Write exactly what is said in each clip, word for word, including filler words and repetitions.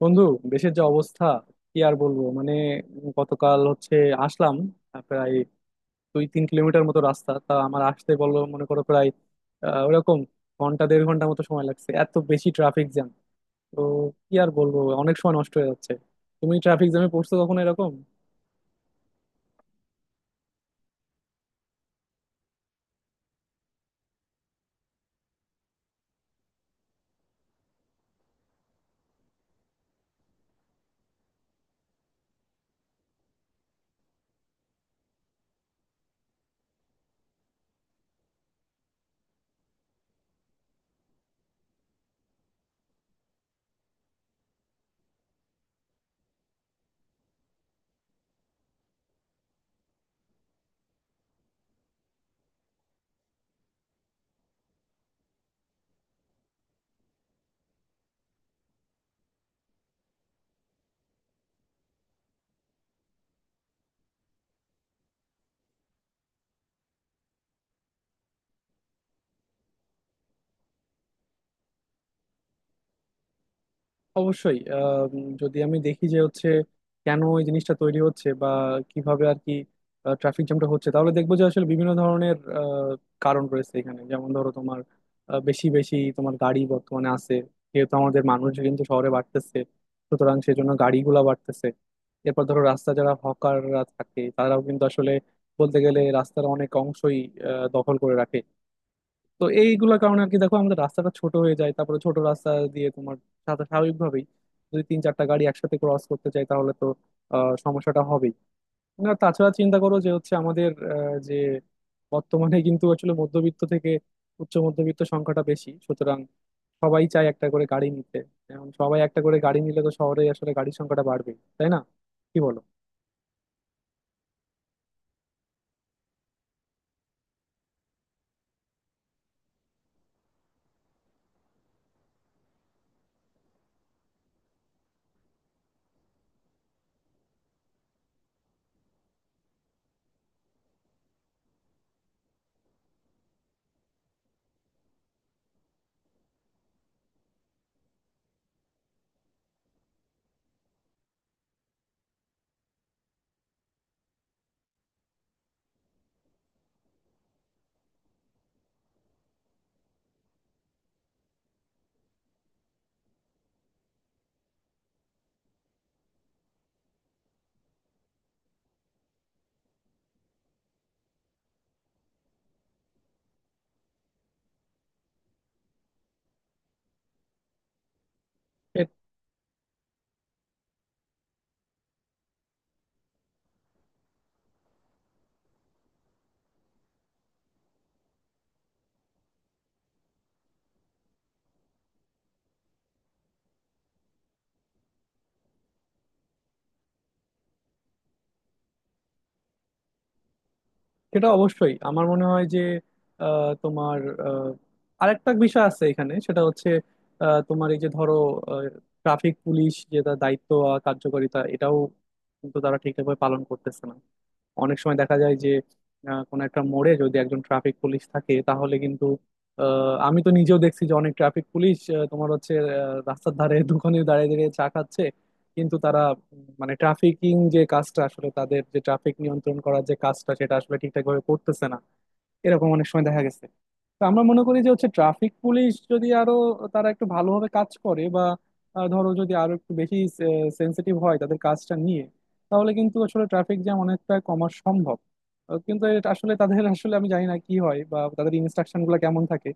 বন্ধু, দেশের যে অবস্থা কি আর বলবো। মানে গতকাল হচ্ছে আসলাম, আহ, প্রায় দুই তিন কিলোমিটার মতো রাস্তা তা আমার আসতে বললো মনে করো প্রায় আহ, ওরকম ঘন্টা দেড় ঘন্টা মতো সময় লাগছে, এত বেশি ট্রাফিক জ্যাম। তো কি আর বলবো, অনেক সময় নষ্ট হয়ে যাচ্ছে। তুমি ট্রাফিক জ্যামে পড়ছো কখনো এরকম? অবশ্যই। আহ, উম, যদি আমি দেখি যে হচ্ছে কেন এই জিনিসটা তৈরি হচ্ছে বা কিভাবে আর কি ট্রাফিক জ্যামটা হচ্ছে, তাহলে দেখবো যে আসলে বিভিন্ন ধরনের আহ, কারণ রয়েছে এখানে। যেমন ধরো তোমার আহ, বেশি বেশি তোমার গাড়ি বর্তমানে আছে। যেহেতু আমাদের মানুষ কিন্তু শহরে বাড়তেছে, সুতরাং সেজন্য গাড়িগুলা বাড়তেছে। এরপর ধরো রাস্তা, যারা হকাররা থাকে তারাও কিন্তু আসলে বলতে গেলে রাস্তার অনেক অংশই আহ, দখল করে রাখে। তো এইগুলোর কারণে আর কি, দেখো আমাদের রাস্তাটা ছোট হয়ে যায়। তারপরে ছোট রাস্তা দিয়ে তোমার সাথে স্বাভাবিকভাবেই যদি তিন চারটা গাড়ি একসাথে ক্রস করতে চাই তাহলে তো আহ, সমস্যাটা হবেই না। তাছাড়া চিন্তা করো যে হচ্ছে আমাদের আহ, যে বর্তমানে কিন্তু আসলে মধ্যবিত্ত থেকে উচ্চ মধ্যবিত্ত সংখ্যাটা বেশি, সুতরাং সবাই চায় একটা করে গাড়ি নিতে। এখন সবাই একটা করে গাড়ি নিলে তো শহরে আসলে গাড়ির সংখ্যাটা বাড়বে, তাই না? কি বলো? সেটা অবশ্যই। আমার মনে হয় যে আহ, তোমার আহ, আরেকটা বিষয় আছে এখানে, সেটা হচ্ছে আহ, তোমার এই যে ধরো ট্রাফিক পুলিশ, যে তার দায়িত্ব আর কার্যকারিতা, এটাও কিন্তু তারা ঠিকঠাকভাবে পালন করতেছে না। অনেক সময় দেখা যায় যে আহ, কোনো একটা মোড়ে যদি একজন ট্রাফিক পুলিশ থাকে তাহলে কিন্তু আহ, আমি তো নিজেও দেখছি যে অনেক ট্রাফিক পুলিশ আহ, তোমার হচ্ছে আহ, রাস্তার ধারে দোকানে দাঁড়িয়ে দাঁড়িয়ে চা খাচ্ছে। কিন্তু তারা উম, মানে ট্রাফিকিং যে কাজটা আসলে তাদের, যে ট্রাফিক নিয়ন্ত্রণ করার যে কাজটা সেটা আসলে ঠিকঠাক ভাবে করতেছে না। এরকম অনেক সময় দেখা গেছে। তো আমরা মনে করি যে হচ্ছে ট্রাফিক পুলিশ যদি আরো, তারা একটু ভালোভাবে কাজ করে বা আহ, ধরো যদি আরো একটু বেশি সেন্সিটিভ হয় তাদের কাজটা নিয়ে, তাহলে কিন্তু আসলে ট্রাফিক জ্যাম অনেকটা কমা সম্ভব। আহ, কিন্তু এটা আসলে তাদের আসলে আমি জানি না কি হয় বা তাদের ইনস্ট্রাকশন গুলো কেমন থাকে।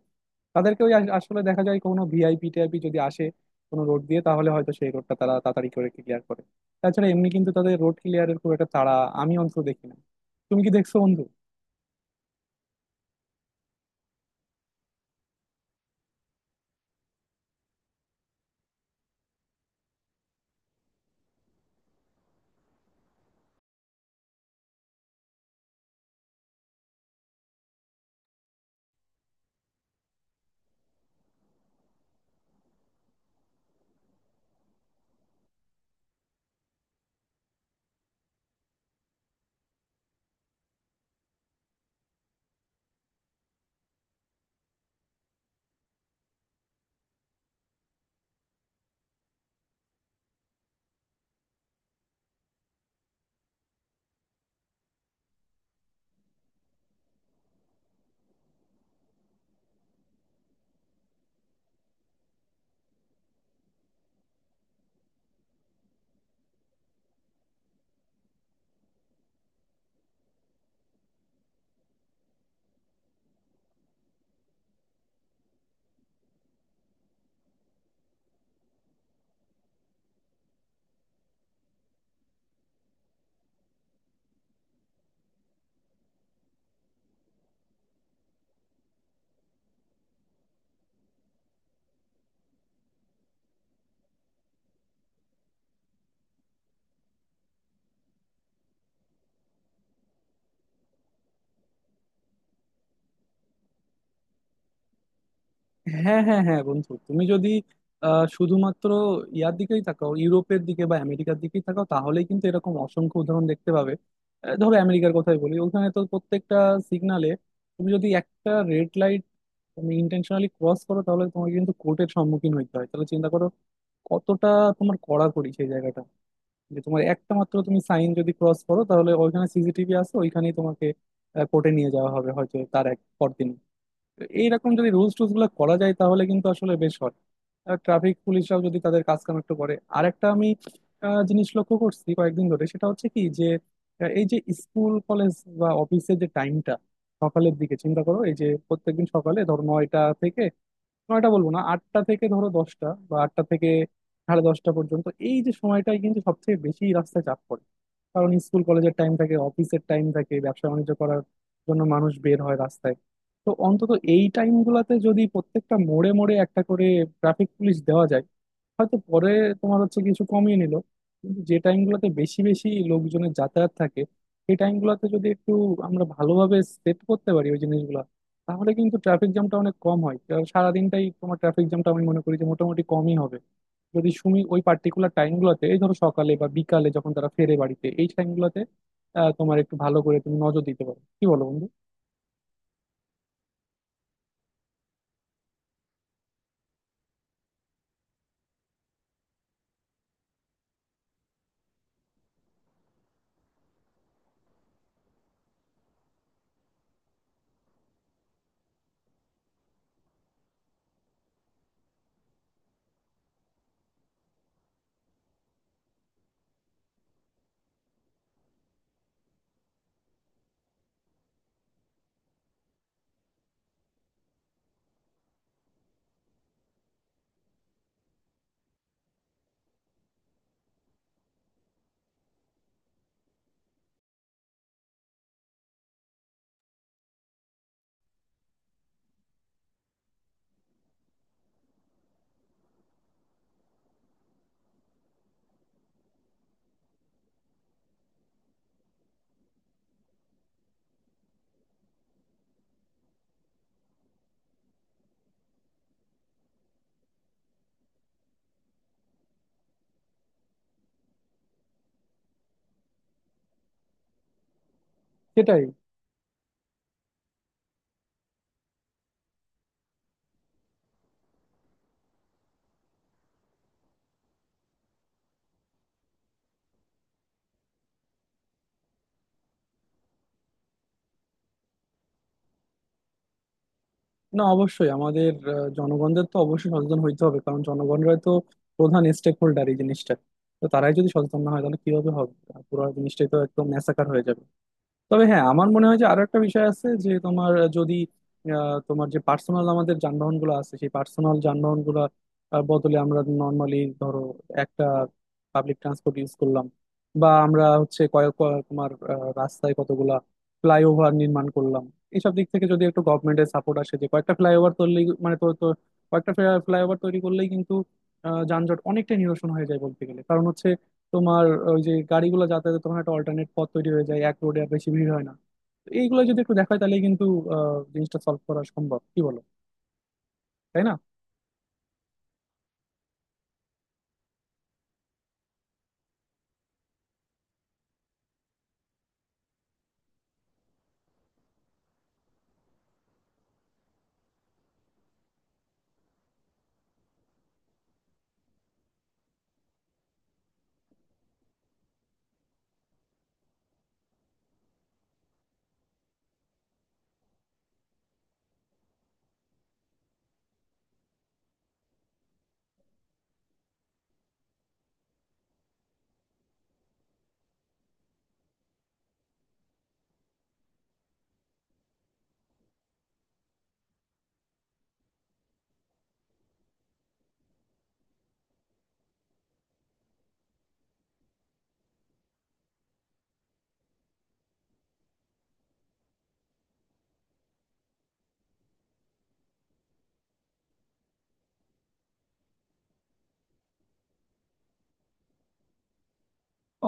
তাদেরকে ওই আস- আসলে দেখা যায় কোনো ভিআইপি টিআইপি যদি আসে কোনো রোড দিয়ে, তাহলে হয়তো সেই রোডটা তারা তাড়াতাড়ি করে ক্লিয়ার করে। তাছাড়া এমনি কিন্তু তাদের রোড ক্লিয়ারের খুব একটা তাড়া আমি অন্তত দেখি না। তুমি কি দেখছো বন্ধু? হ্যাঁ, হ্যাঁ, হ্যাঁ, বন্ধু, তুমি যদি আহ, শুধুমাত্র ইয়ার দিকেই তাকাও, ইউরোপের দিকে বা আমেরিকার দিকেই তাকাও তাহলেই কিন্তু এরকম অসংখ্য উদাহরণ দেখতে পাবে। আহ, ধরো আমেরিকার কথাই বলি, ওখানে তো প্রত্যেকটা সিগনালে তুমি যদি একটা রেড লাইট তুমি ইন্টেনশনালি ক্রস করো তাহলে তোমাকে কিন্তু কোর্টের সম্মুখীন হইতে হয়। তাহলে চিন্তা করো কতটা তোমার কড়াকড়ি সেই জায়গাটা। যে তোমার একটা মাত্র তুমি সাইন যদি ক্রস করো তাহলে ওইখানে সিসিটিভি আছে, ওইখানেই তোমাকে কোর্টে নিয়ে যাওয়া হবে হয়তো তার এক পরদিন। তো এইরকম যদি রুলস টুলস গুলো করা যায় তাহলে কিন্তু আসলে বেশ হয়। ট্রাফিক পুলিশরাও যদি তাদের কাজ কাম একটু করে। আর একটা আমি আহ, জিনিস লক্ষ্য করছি কয়েকদিন ধরে, সেটা হচ্ছে কি যে আহ, এই যে স্কুল কলেজ বা অফিসের যে টাইমটা সকালের দিকে চিন্তা করো। এই যে প্রত্যেকদিন সকালে ধরো নয়টা থেকে নয়টা বলবো না, আটটা থেকে ধরো দশটা বা আটটা থেকে সাড়ে দশটা পর্যন্ত এই যে সময়টাই কিন্তু সবচেয়ে বেশি রাস্তায় চাপ পড়ে। কারণ স্কুল কলেজের টাইম থাকে, অফিসের টাইম থাকে, ব্যবসা বাণিজ্য করার জন্য মানুষ বের হয় রাস্তায়। তো অন্তত এই টাইম গুলাতে যদি প্রত্যেকটা মোড়ে মোড়ে একটা করে ট্রাফিক পুলিশ দেওয়া যায়, হয়তো পরে তোমার হচ্ছে কিছু কমিয়ে নিল। কিন্তু যে টাইম গুলোতে বেশি বেশি লোকজনের যাতায়াত থাকে সেই টাইম গুলোতে যদি একটু আমরা ভালোভাবে সেট করতে পারি ওই জিনিসগুলো, তাহলে কিন্তু ট্রাফিক জ্যামটা অনেক কম হয়। আর সারাদিনটাই তোমার ট্রাফিক জ্যামটা আমি মনে করি যে মোটামুটি কমই হবে যদি তুমি ওই পার্টিকুলার টাইমগুলোতে, এই ধরো সকালে বা বিকালে যখন তারা ফেরে বাড়িতে এই টাইমগুলোতে তোমার একটু ভালো করে তুমি নজর দিতে পারো। কি বলো বন্ধু? সেটাই। না, অবশ্যই আমাদের আহ, জনগণদের তো অবশ্যই সচেতন হইতে হবে, কারণ জনগণরাই তো প্রধান স্টেক হোল্ডার এই জিনিসটা। তো তারাই যদি সচেতন না হয় তাহলে কিভাবে হবে? পুরো জিনিসটাই তো একদম ম্যাসাকার হয়ে যাবে। তবে হ্যাঁ, আমার মনে হয় যে আরো একটা বিষয় আছে যে তোমার যদি আহ, তোমার যে পার্সোনাল আমাদের যানবাহন গুলো আছে সেই পার্সোনাল যানবাহন গুলো বদলে আমরা নর্মালি ধরো একটা পাবলিক ট্রান্সপোর্ট ইউজ করলাম, বা আমরা হচ্ছে কয়েক কয়েক তোমার আহ, রাস্তায় কতগুলা ফ্লাইওভার নির্মাণ করলাম। এইসব দিক থেকে যদি একটু গভর্নমেন্টের সাপোর্ট আসে যে কয়েকটা ফ্লাইওভার তৈরি মানে তো তো কয়েকটা ফ্লাইওভার তৈরি করলেই কিন্তু আহ, যানজট অনেকটা নিরসন হয়ে যায় বলতে গেলে। কারণ হচ্ছে তোমার ওই যে গাড়িগুলো যাতায়াতে তোমার একটা অল্টারনেট পথ তৈরি হয়ে যায়, এক রোডে আর বেশি ভিড় হয় না। তো এইগুলো যদি একটু দেখায় তাহলে কিন্তু আহ জিনিসটা সলভ করা সম্ভব। কি বলো? তাই না?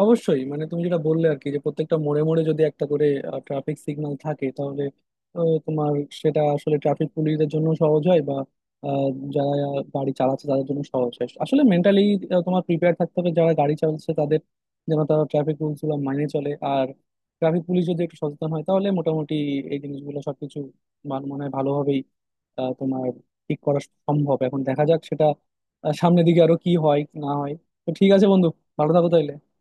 অবশ্যই। মানে তুমি যেটা বললে আর কি, যে প্রত্যেকটা মোড়ে মোড়ে যদি একটা করে ট্রাফিক সিগন্যাল থাকে, তাহলে আহ, তোমার সেটা আসলে ট্রাফিক পুলিশদের জন্য সহজ হয় বা আহ, যারা গাড়ি চালাচ্ছে তাদের জন্য সহজ হয়। আসলে মেন্টালি তোমার প্রিপেয়ার থাকতে হবে যারা গাড়ি চালাচ্ছে তাদের, যেন তারা ট্রাফিক রুলস গুলো মাইনে চলে। আর ট্রাফিক পুলিশ যদি একটু সচেতন হয় তাহলে মোটামুটি এই জিনিসগুলো সবকিছু মান- মনে হয় ভালোভাবেই আহ, তোমার ঠিক করা সম্ভব। এখন দেখা যাক সেটা আহ, সামনের দিকে আরো কি হয় না হয়। তো ঠিক আছে বন্ধু, ভালো থাকো তাহলে।